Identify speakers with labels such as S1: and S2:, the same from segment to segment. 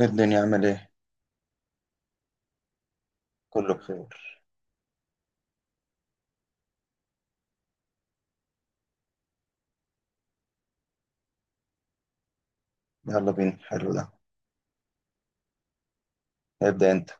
S1: إيه الدنيا عامل ايه؟ كله بخير. يلا بينا، حلو ده. ابدأ انت.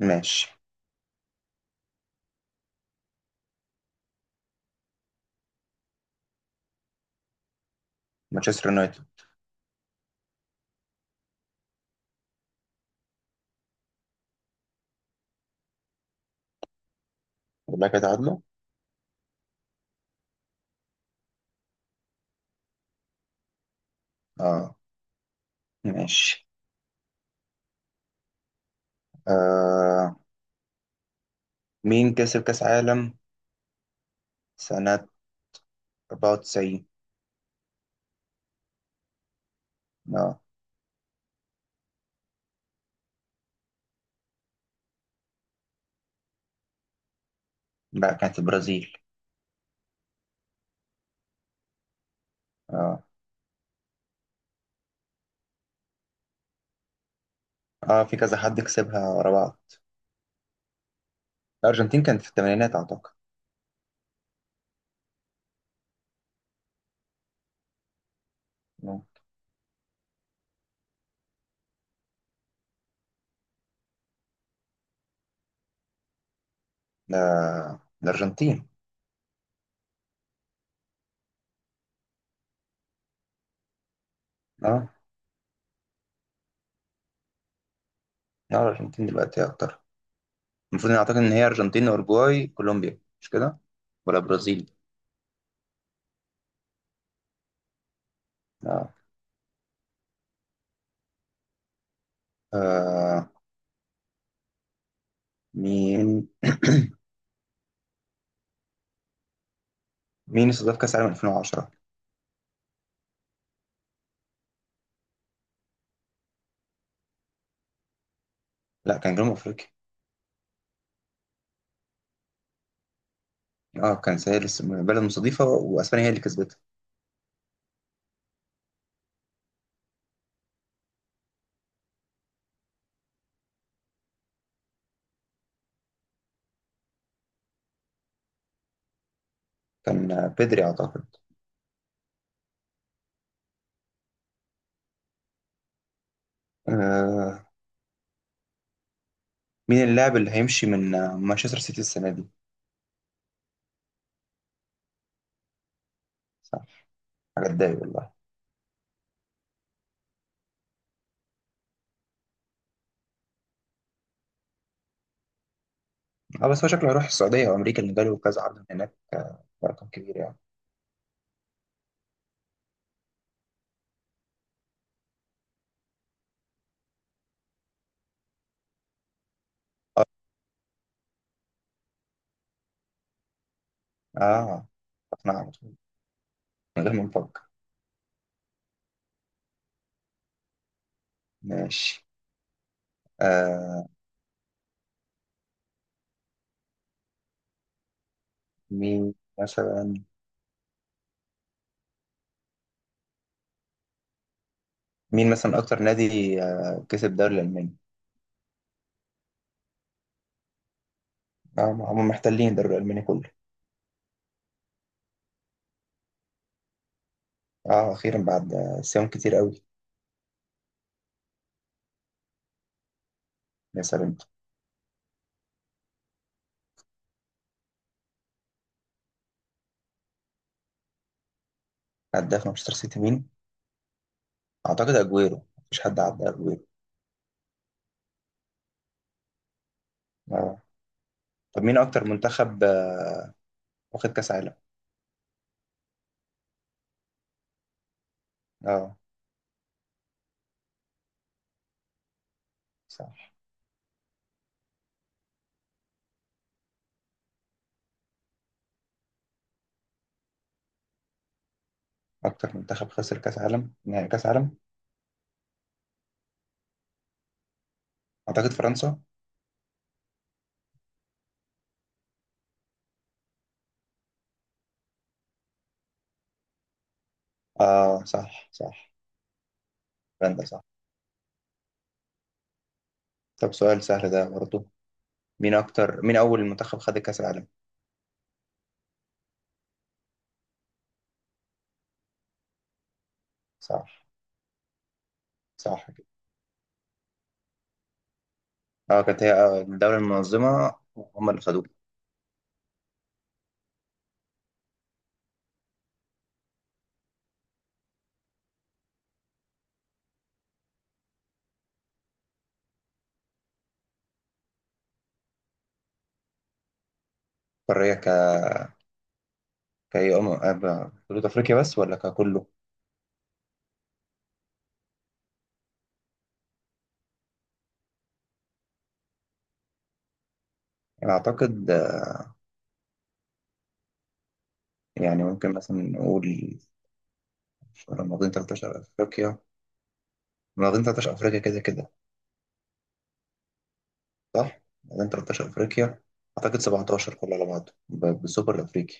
S1: ماشي. مانشستر يونايتد. اقول لك هتعادله؟ اه. ماشي. آه. مين كسب كأس عالم سنة 94؟ اه. لا، كانت البرازيل. اه. اه، في كذا حد كسبها ورا بعض. الأرجنتين كانت في الثمانينات أعتقد. آه. ده الأرجنتين. اه، لا الأرجنتين دلوقتي أكتر. المفروض إن أعتقد إن هي أرجنتين وأوروجواي كولومبيا، مش كده؟ ولا برازيل. اه. آه. مين مين استضاف كأس العالم 2010؟ لا، كان جنوب أفريقيا. اه كان سهل، بلد مستضيفة وأسبانيا هي اللي كسبتها. كان بيدري أعتقد. آه. مين اللاعب اللي هيمشي من مانشستر سيتي السنة دي؟ صح. حاجة تضايق والله. اه بس هو شكله هيروح السعودية أو أمريكا، اللي جاله كذا عرض من هناك برقم كبير يعني. اه. اقنع على طول من غير ما نفكر. ماشي. آه. مين مثلا. مين مثلا اكتر نادي كسب الدوري الالماني؟ آه هم محتلين الدوري الالماني كله. اه، اخيرا بعد صيام كتير قوي. يا سلام. هداف مانشستر سيتي مين؟ اعتقد اجويرو، مفيش حد عدى اجويرو. اه. طب مين اكتر منتخب واخد كاس عالم؟ اه. صح. اكتر منتخب خسر كاس عالم، نهائي كاس عالم. اعتقد فرنسا. اه، صح، صح. فرنسا صح. طب سؤال سهل ده برضه. مين اول منتخب خد كاس العالم؟ صح، صح كده. اه كانت هي الدولة المنظمة. هم اللي خدوه. قارية، كأي أم حدود أفريقيا بس ولا ككله؟ يعني أعتقد، يعني ممكن مثلا نقول في مناطقين 13 أفريقيا. مناطقين 13 أفريقيا كده كده، صح؟ مناطقين 13 أفريقيا أعتقد 17 كله على بعضه بالسوبر الأفريقي.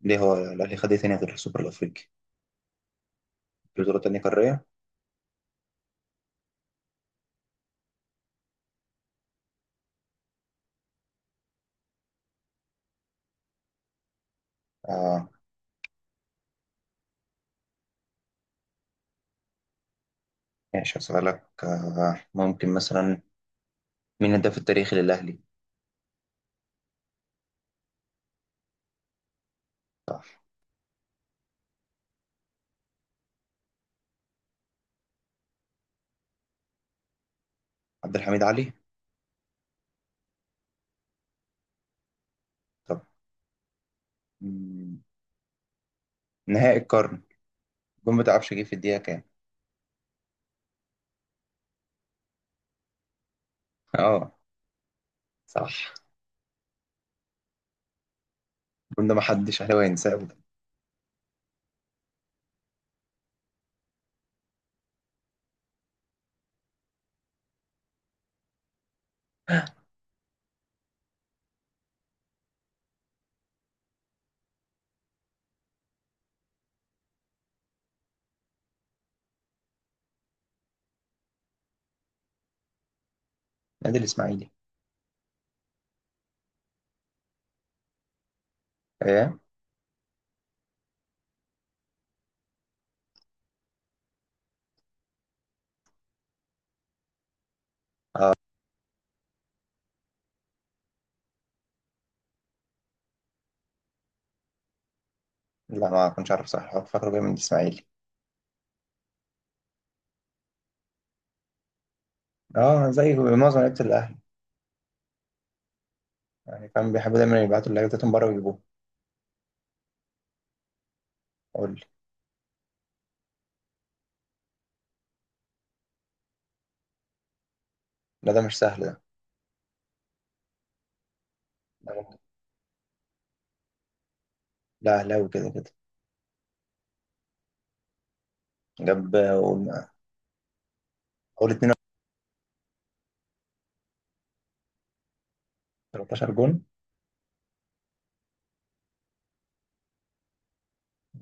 S1: ليه هو الأهلي خد إيه تاني غير السوبر الأفريقي؟ في بطولة تانية قارية؟ آه. ماشي هسألك، ممكن مثلا مين الهداف التاريخي للأهلي؟ صح. عبد الحميد علي؟ طب مم، نهائي القرن، الجون بتاع عبش جه في الدقيقة كام؟ آه، صح. الجون ده محدش أهلاوي هينساه أبدا. نادي الإسماعيلي. إيه؟ لا، ما كنتش عارف، صح هو فاكره جاي من الاسماعيلي. اه، زي معظم لعيبه الاهلي، يعني فاهم بيحبوا دايما يبعتوا اللعيبه بتاعتهم بره ويجيبوها. قول لي. لا ده مش سهل ده. ده ممكن. لا اهلاوي كده كده. جاب قول. قول 2. 13 جون.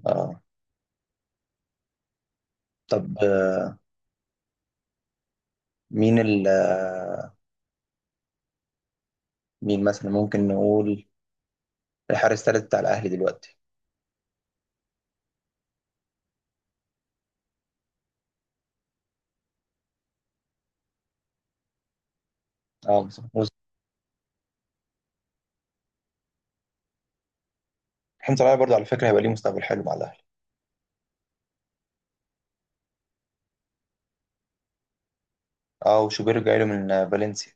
S1: اه. طب مين ال آه، مين مثلا ممكن نقول الحارس الثالث بتاع الاهلي دلوقتي. اه، مصطفى محمود. محمد صلاح برضه على فكره هيبقى ليه مستقبل حلو مع الاهلي. اه وشوبير جاي له من فالنسيا.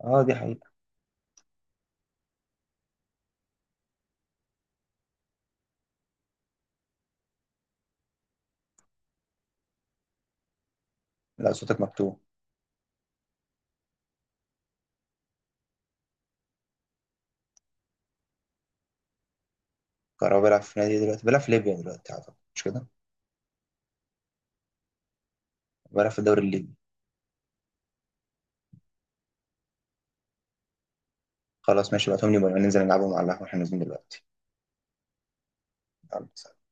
S1: اه، دي حقيقه. لا صوتك مكتوب. كهربا بيلعب في نادي إيه دلوقتي؟ بيلعب في ليبيا دلوقتي اعتقد، مش كده؟ بيلعب في الدوري الليبي. خلاص ماشي، بعتهم لي وننزل نلعبهم على القهوة واحنا نازلين دلوقتي. يلا سلام.